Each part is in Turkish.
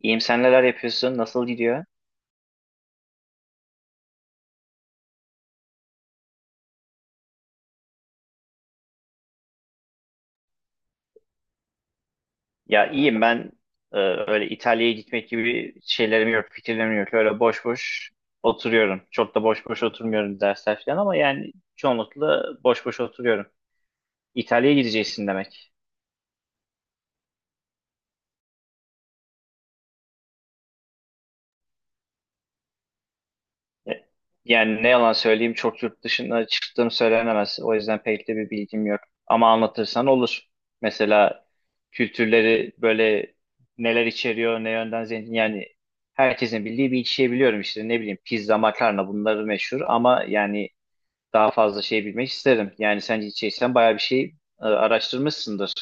İyiyim, sen neler yapıyorsun? Nasıl gidiyor? Ya iyiyim ben. Öyle İtalya'ya gitmek gibi şeylerim yok, fikirlerim yok. Öyle boş boş oturuyorum. Çok da boş boş oturmuyorum, dersler falan, ama yani çoğunlukla boş boş oturuyorum. İtalya'ya gideceksin demek. E, Yani ne yalan söyleyeyim, çok yurt dışına çıktığım söylenemez. O yüzden pek de bir bilgim yok. Ama anlatırsan olur. Mesela kültürleri böyle neler içeriyor, ne yönden zengin. Yani herkesin bildiği bir iki şey biliyorum işte. Ne bileyim, pizza, makarna, bunları meşhur. Ama yani daha fazla şey bilmek isterim. Yani sen içeysen bayağı bir şey araştırmışsındır.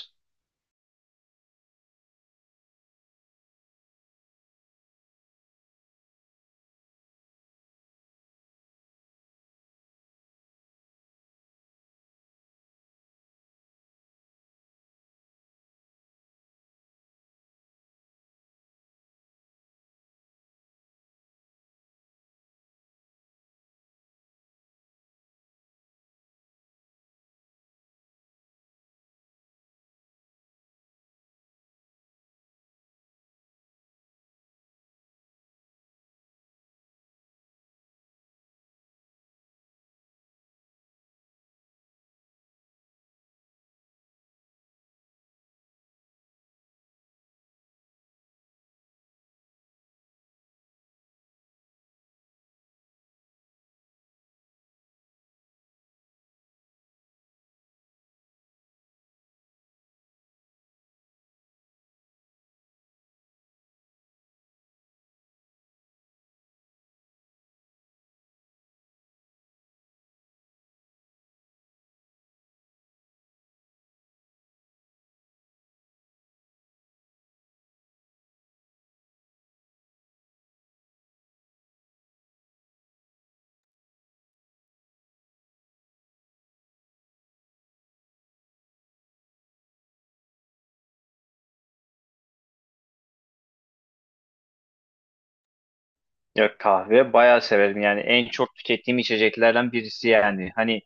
Ya kahve bayağı severim. Yani en çok tükettiğim içeceklerden birisi yani. Hani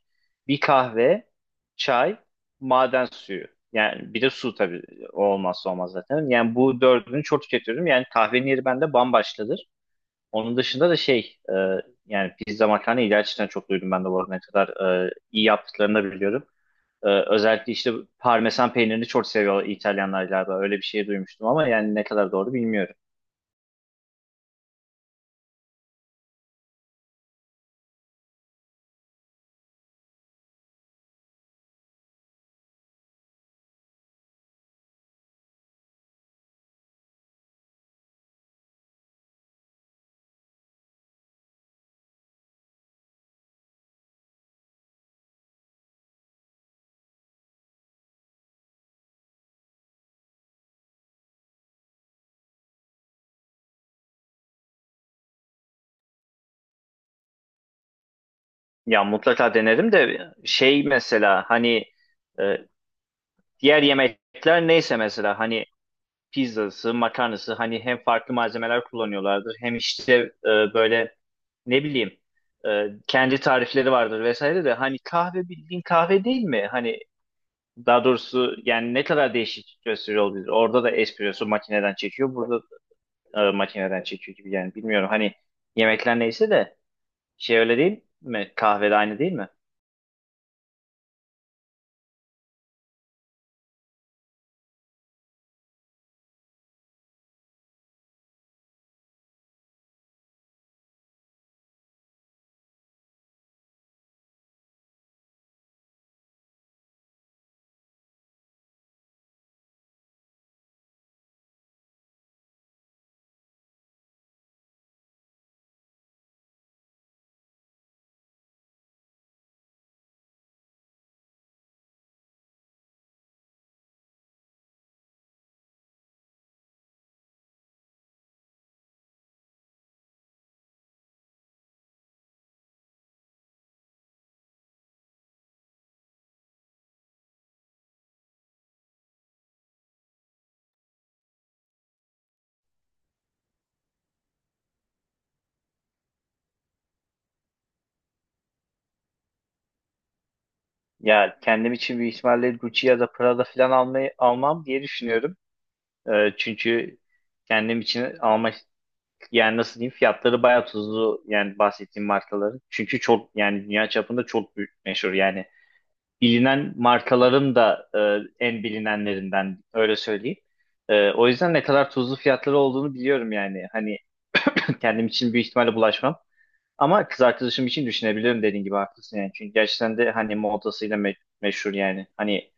bir kahve, çay, maden suyu. Yani bir de su tabii, o olmazsa olmaz zaten. Yani bu dördünü çok tüketiyorum. Yani kahvenin yeri bende bambaşkadır. Onun dışında da şey, yani pizza, makarna iyi, gerçekten çok duydum ben de bu arada, ne kadar iyi yaptıklarını da biliyorum. Özellikle işte parmesan peynirini çok seviyor İtalyanlar galiba. Öyle bir şey duymuştum ama yani ne kadar doğru bilmiyorum. Ya mutlaka denerim de şey, mesela hani, e, diğer yemekler neyse mesela, hani pizzası, makarnası hani hem farklı malzemeler kullanıyorlardır, hem işte böyle ne bileyim, kendi tarifleri vardır vesaire, de hani kahve bildiğin kahve değil mi? Hani daha doğrusu yani ne kadar değişik gösteriyor olabilir. Orada da espresso makineden çekiyor, burada makineden çekiyor gibi, yani bilmiyorum. Hani yemekler neyse de şey öyle değil mi? Kahve de aynı değil mi? Ya kendim için büyük ihtimalle Gucci ya da Prada falan almayı, almam diye düşünüyorum. Çünkü kendim için alma, yani nasıl diyeyim, fiyatları bayağı tuzlu yani bahsettiğim markaların. Çünkü çok yani dünya çapında çok büyük meşhur yani bilinen markaların da en bilinenlerinden, öyle söyleyeyim. O yüzden ne kadar tuzlu fiyatları olduğunu biliyorum yani. Hani kendim için büyük ihtimalle bulaşmam. Ama kız arkadaşım için düşünebilirim, dediğin gibi haklısın yani. Çünkü gerçekten de hani modasıyla meşhur yani. Hani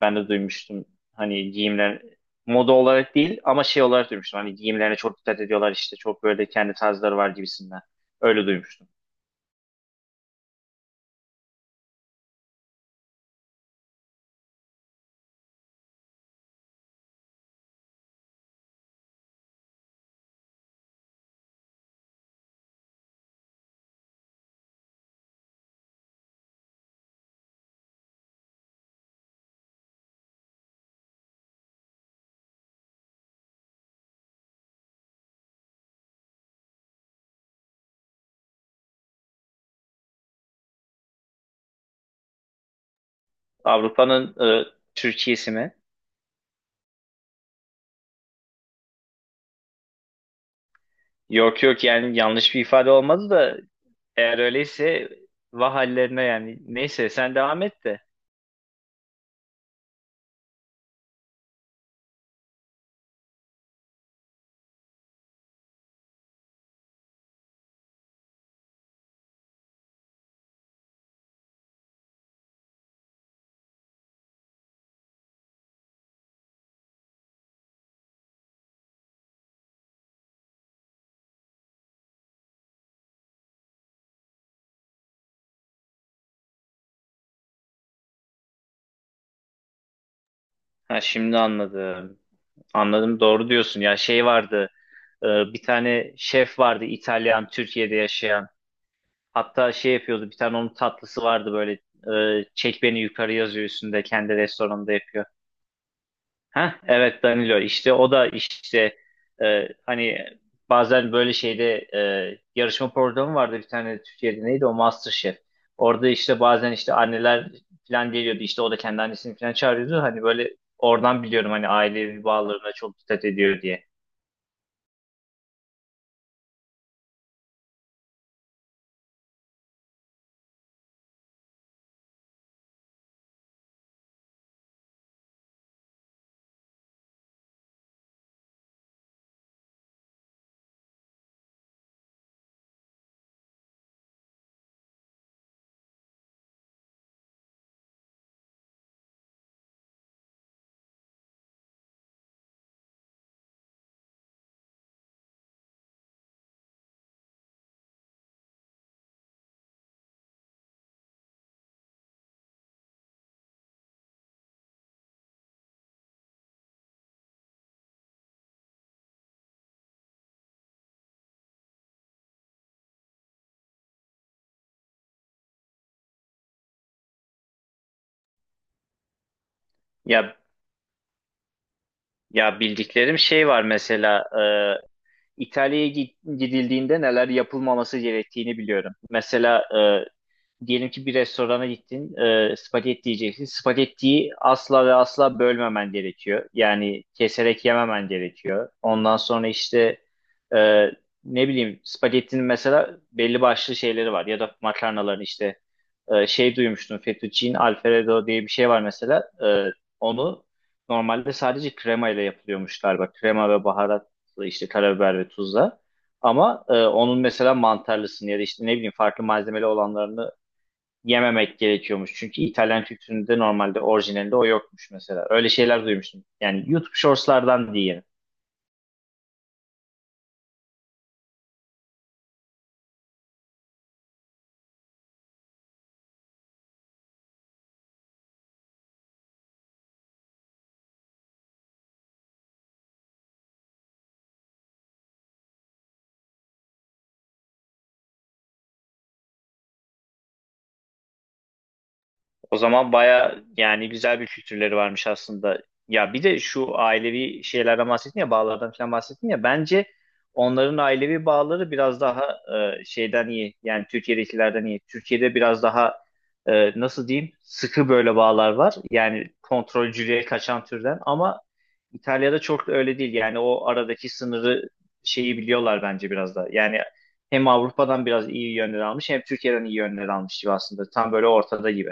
ben de duymuştum. Hani giyimler moda olarak değil ama şey olarak duymuştum. Hani giyimlerine çok dikkat ediyorlar işte. Çok böyle kendi tarzları var gibisinden. Öyle duymuştum. Avrupa'nın e, Türkiye'si mi? Yok yok, yani yanlış bir ifade olmadı da, eğer öyleyse vah hallerine yani. Neyse, sen devam et de. Ha, şimdi anladım. Anladım, doğru diyorsun. Ya şey vardı. e, Bir tane şef vardı, İtalyan, Türkiye'de yaşayan. Hatta şey yapıyordu, bir tane onun tatlısı vardı böyle, çek beni yukarı yazıyor üstünde, kendi restoranında yapıyor. Ha evet, Danilo işte, o da işte hani bazen böyle şeyde, yarışma programı vardı bir tane Türkiye'de, neydi o, MasterChef. Orada işte bazen işte anneler falan geliyordu, işte o da kendi annesini falan çağırıyordu. Hani böyle oradan biliyorum hani ailevi bağlarına çok dikkat ediyor diye. Ya ya bildiklerim şey var, mesela İtalya'ya gidildiğinde neler yapılmaması gerektiğini biliyorum. Mesela e, diyelim ki bir restorana gittin, spagetti yiyeceksin. Spagettiyi asla ve asla bölmemen gerekiyor. Yani keserek yememen gerekiyor. Ondan sonra işte e, ne bileyim, spagettinin mesela belli başlı şeyleri var, ya da makarnaların işte şey duymuştum. Fettuccine Alfredo diye bir şey var mesela. Onu normalde sadece krema ile yapılıyormuş galiba. Krema ve baharatla, işte karabiber ve tuzla. Ama onun mesela mantarlısını ya da işte ne bileyim farklı malzemeli olanlarını yememek gerekiyormuş. Çünkü İtalyan kültüründe normalde orijinalinde o yokmuş mesela. Öyle şeyler duymuştum. Yani YouTube shortslardan diyeyim. O zaman baya yani güzel bir kültürleri varmış aslında. Ya bir de şu ailevi şeylerden bahsettin ya, bağlardan falan bahsettin ya, bence onların ailevi bağları biraz daha şeyden iyi, yani Türkiye'dekilerden iyi. Türkiye'de biraz daha nasıl diyeyim, sıkı böyle bağlar var yani, kontrolcülüğe kaçan türden, ama İtalya'da çok da öyle değil yani. O aradaki sınırı, şeyi biliyorlar bence biraz da yani, hem Avrupa'dan biraz iyi yönler almış, hem Türkiye'den iyi yönler almış gibi, aslında tam böyle ortada gibi.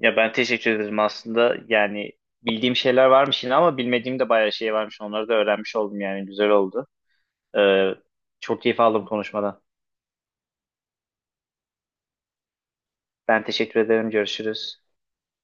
Ya ben teşekkür ederim aslında. Yani bildiğim şeyler varmış yine, ama bilmediğim de bayağı şey varmış. Onları da öğrenmiş oldum yani. Güzel oldu. Ee, Çok keyif aldım konuşmadan. Ben teşekkür ederim. Görüşürüz.